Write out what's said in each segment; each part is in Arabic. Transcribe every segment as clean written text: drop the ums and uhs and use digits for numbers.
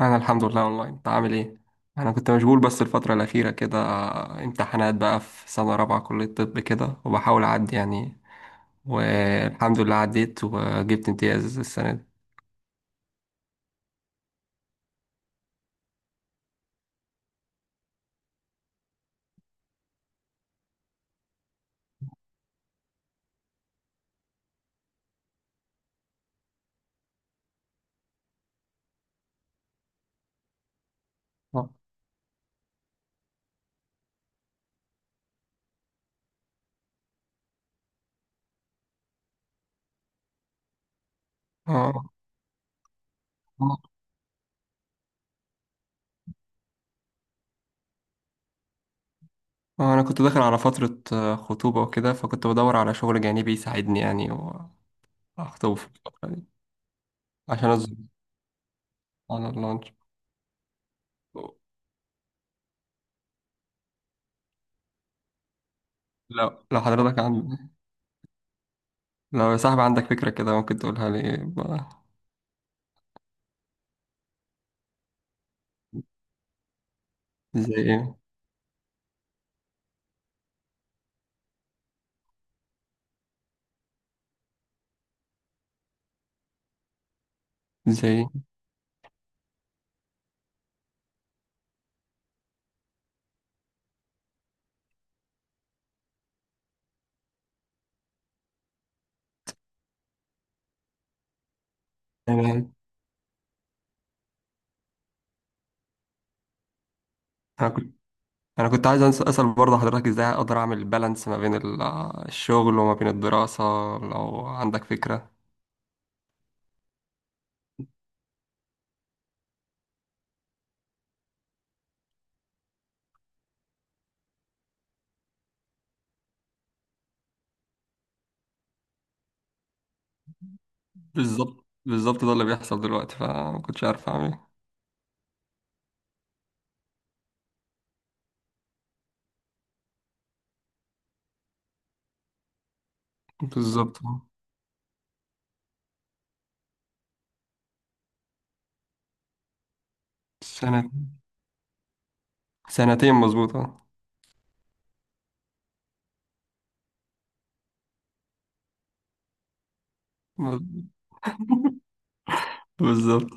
انا الحمد لله اونلاين. انت عامل ايه؟ انا كنت مشغول، بس الفتره الاخيره كده امتحانات بقى، في سنه رابعه كليه طب كده، وبحاول اعدي يعني. والحمد لله عديت وجبت امتياز السنه دي. اه. اه. انا كنت داخل على فتره خطوبه وكده، فكنت بدور على شغل جانبي يساعدني يعني، واخطب في الفتره دي عشان اظبط على اللانش. لو لو حضرتك عند لو يا صاحبي عندك فكره كده، ممكن تقولها لي بقى. زي ايه؟ زي إيه؟ انا أنا انا كنت عايز اسال برضه حضرتك، ازاي اقدر اعمل بالانس ما بين الشغل وما بين الدراسه؟ لو عندك فكره. بالظبط، بالظبط، ده اللي بيحصل دلوقتي، فما كنتش عارف اعمل ايه. بالظبط. سنه سنتين مظبوطه. بالظبط.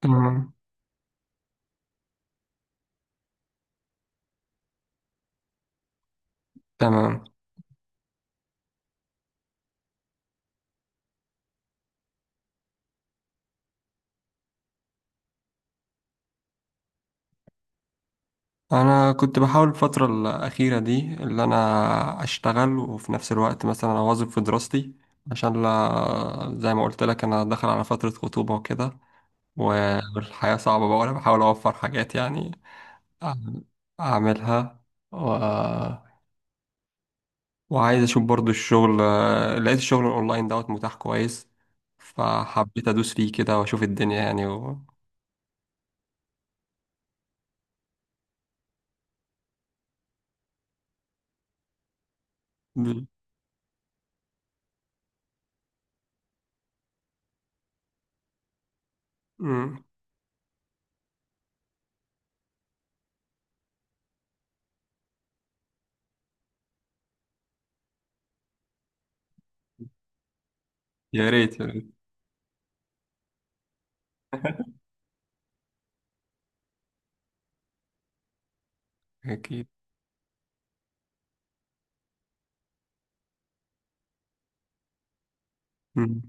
تمام. تمام. انا كنت بحاول الفتره الاخيره دي اللي انا اشتغل وفي نفس الوقت مثلا اواظب في دراستي، عشان لا زي ما قلت لك، انا داخل على فتره خطوبه وكده، والحياة صعبة بقى، وأنا بحاول أوفر حاجات يعني، أعمل- أعملها و... وعايز أشوف برضو الشغل. لقيت الشغل الأونلاين دوت متاح كويس، فحبيت أدوس فيه كده وأشوف الدنيا يعني ب- مم. يا ريت، يا ريت. أكيد. مم.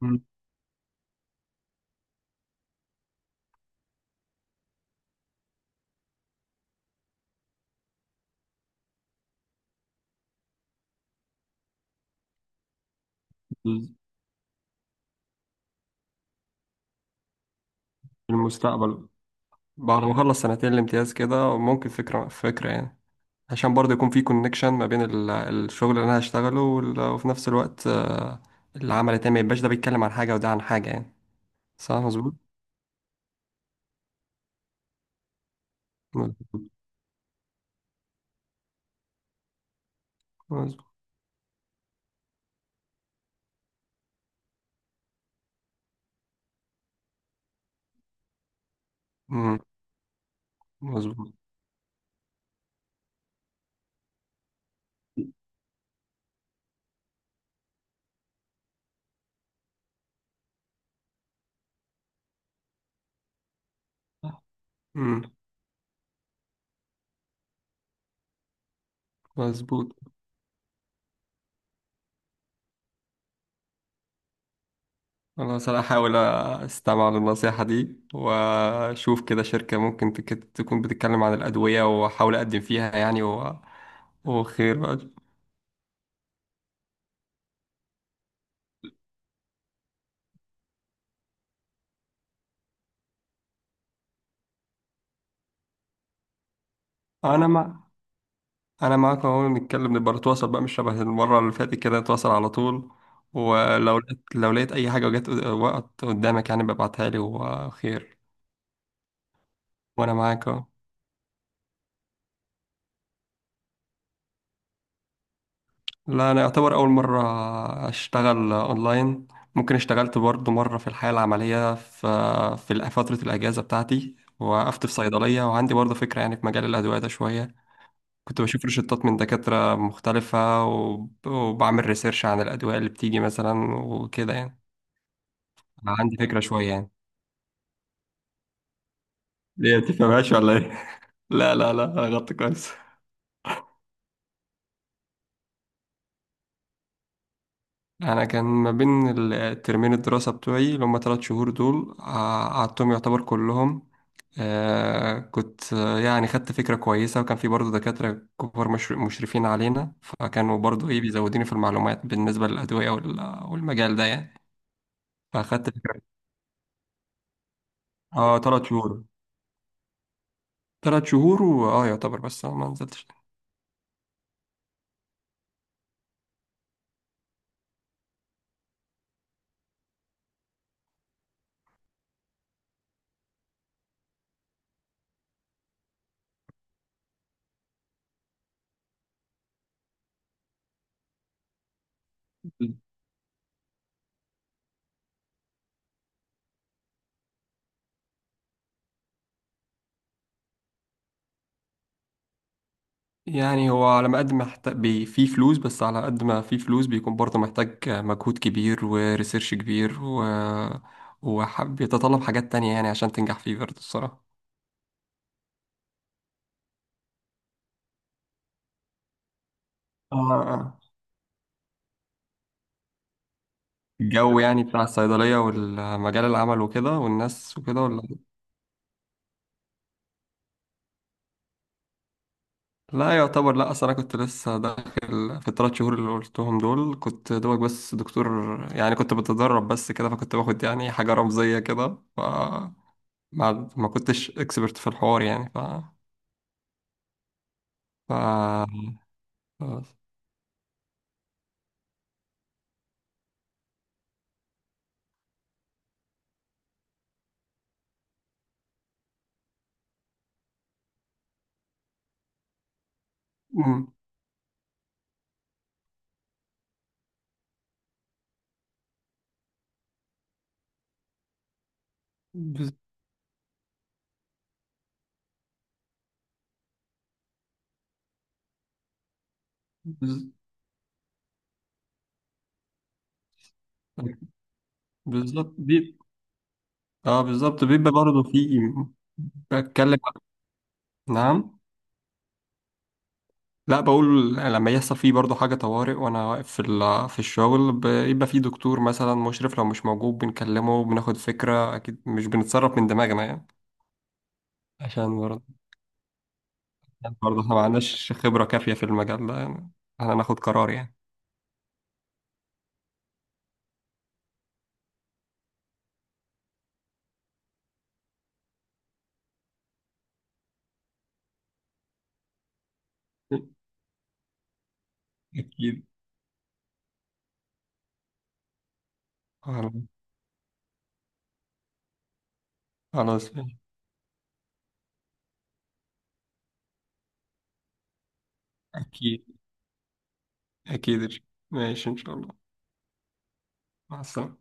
مم. في المستقبل بعد ما أخلص سنتين الامتياز كده، ممكن فكرة فكرة يعني، عشان برضه يكون في كونكشن ما بين الشغل اللي انا هشتغله وفي نفس الوقت العمل التاني ما يبقاش ده بيتكلم عن حاجة وده عن حاجة يعني. صح مظبوط. مظبوط. مظبوط. مم. مظبوط. مم. مظبوط. خلاص، انا هحاول استمع للنصيحة دي، واشوف كده شركة ممكن تكون بتتكلم عن الأدوية، واحاول اقدم فيها يعني، وخير بقى. انا مع انا معاك اهو، نتكلم، نبقى نتواصل بقى، مش شبه المره اللي فاتت كده، نتواصل على طول. ولو لقيت لو لقيت اي حاجه وجت وقت قدامك يعني، ببعتها لي وخير. وانا معاك اهو. لا انا يعتبر اول مره اشتغل اونلاين. ممكن اشتغلت برضو مره في الحياه العمليه، في فتره الاجازه بتاعتي، وقفت في صيدليه، وعندي برضو فكره يعني في مجال الادويه ده شويه. كنت بشوف روشتات من دكاتره مختلفه، وبعمل ريسيرش عن الادويه اللي بتيجي مثلا وكده يعني. عندي فكره شويه يعني. ليه بتفهمهاش ولا ايه؟ لا، لا، لا، انا غلطت كويس. انا كان ما بين الترمين الدراسة بتوعي اللي هم 3 شهور دول، قعدتهم يعتبر كلهم. كنت يعني خدت فكرة كويسة، وكان في برضه دكاترة كبار مشرفين علينا، فكانوا برضه ايه بيزودوني في المعلومات بالنسبة للأدوية والمجال ده يعني. فاخدت فكرة. اه 3 شهور. تلات شهور، واه يعتبر، بس أنا ما نزلتش. يعني هو على ما قد ما محتاج فيه فلوس، بس على قد ما فيه فلوس بيكون برضه محتاج مجهود كبير وريسيرش كبير وحب يتطلب حاجات تانية يعني، عشان تنجح فيه برضه الصراحة. آه. آه. الجو يعني بتاع الصيدلية والمجال العمل وكده والناس وكده ولا؟ لا يعتبر لا، أصل أنا كنت لسه داخل في ال3 شهور اللي قلتهم دول، كنت دوبك بس دكتور يعني، كنت بتدرب بس كده، فكنت باخد يعني حاجة رمزية كده، ما كنتش اكسبرت في الحوار يعني ف ف خلاص. مم. بز... بز... بالظبط اه بالظبط بيبقى برضه في بتكلم. نعم. لا، بقول لما يحصل فيه برضه حاجة طوارئ وأنا واقف في الشغل، بيبقى في دكتور مثلا مشرف، لو مش موجود بنكلمه، بناخد فكرة، أكيد مش بنتصرف من دماغنا يعني، عشان برضه عشان برضه احنا ما عندناش خبرة كافية في المجال ده يعني احنا ناخد قرار يعني. أكيد. خلاص ماشي. أكيد. أكيد. ماشي إن شاء الله. مع السلامة.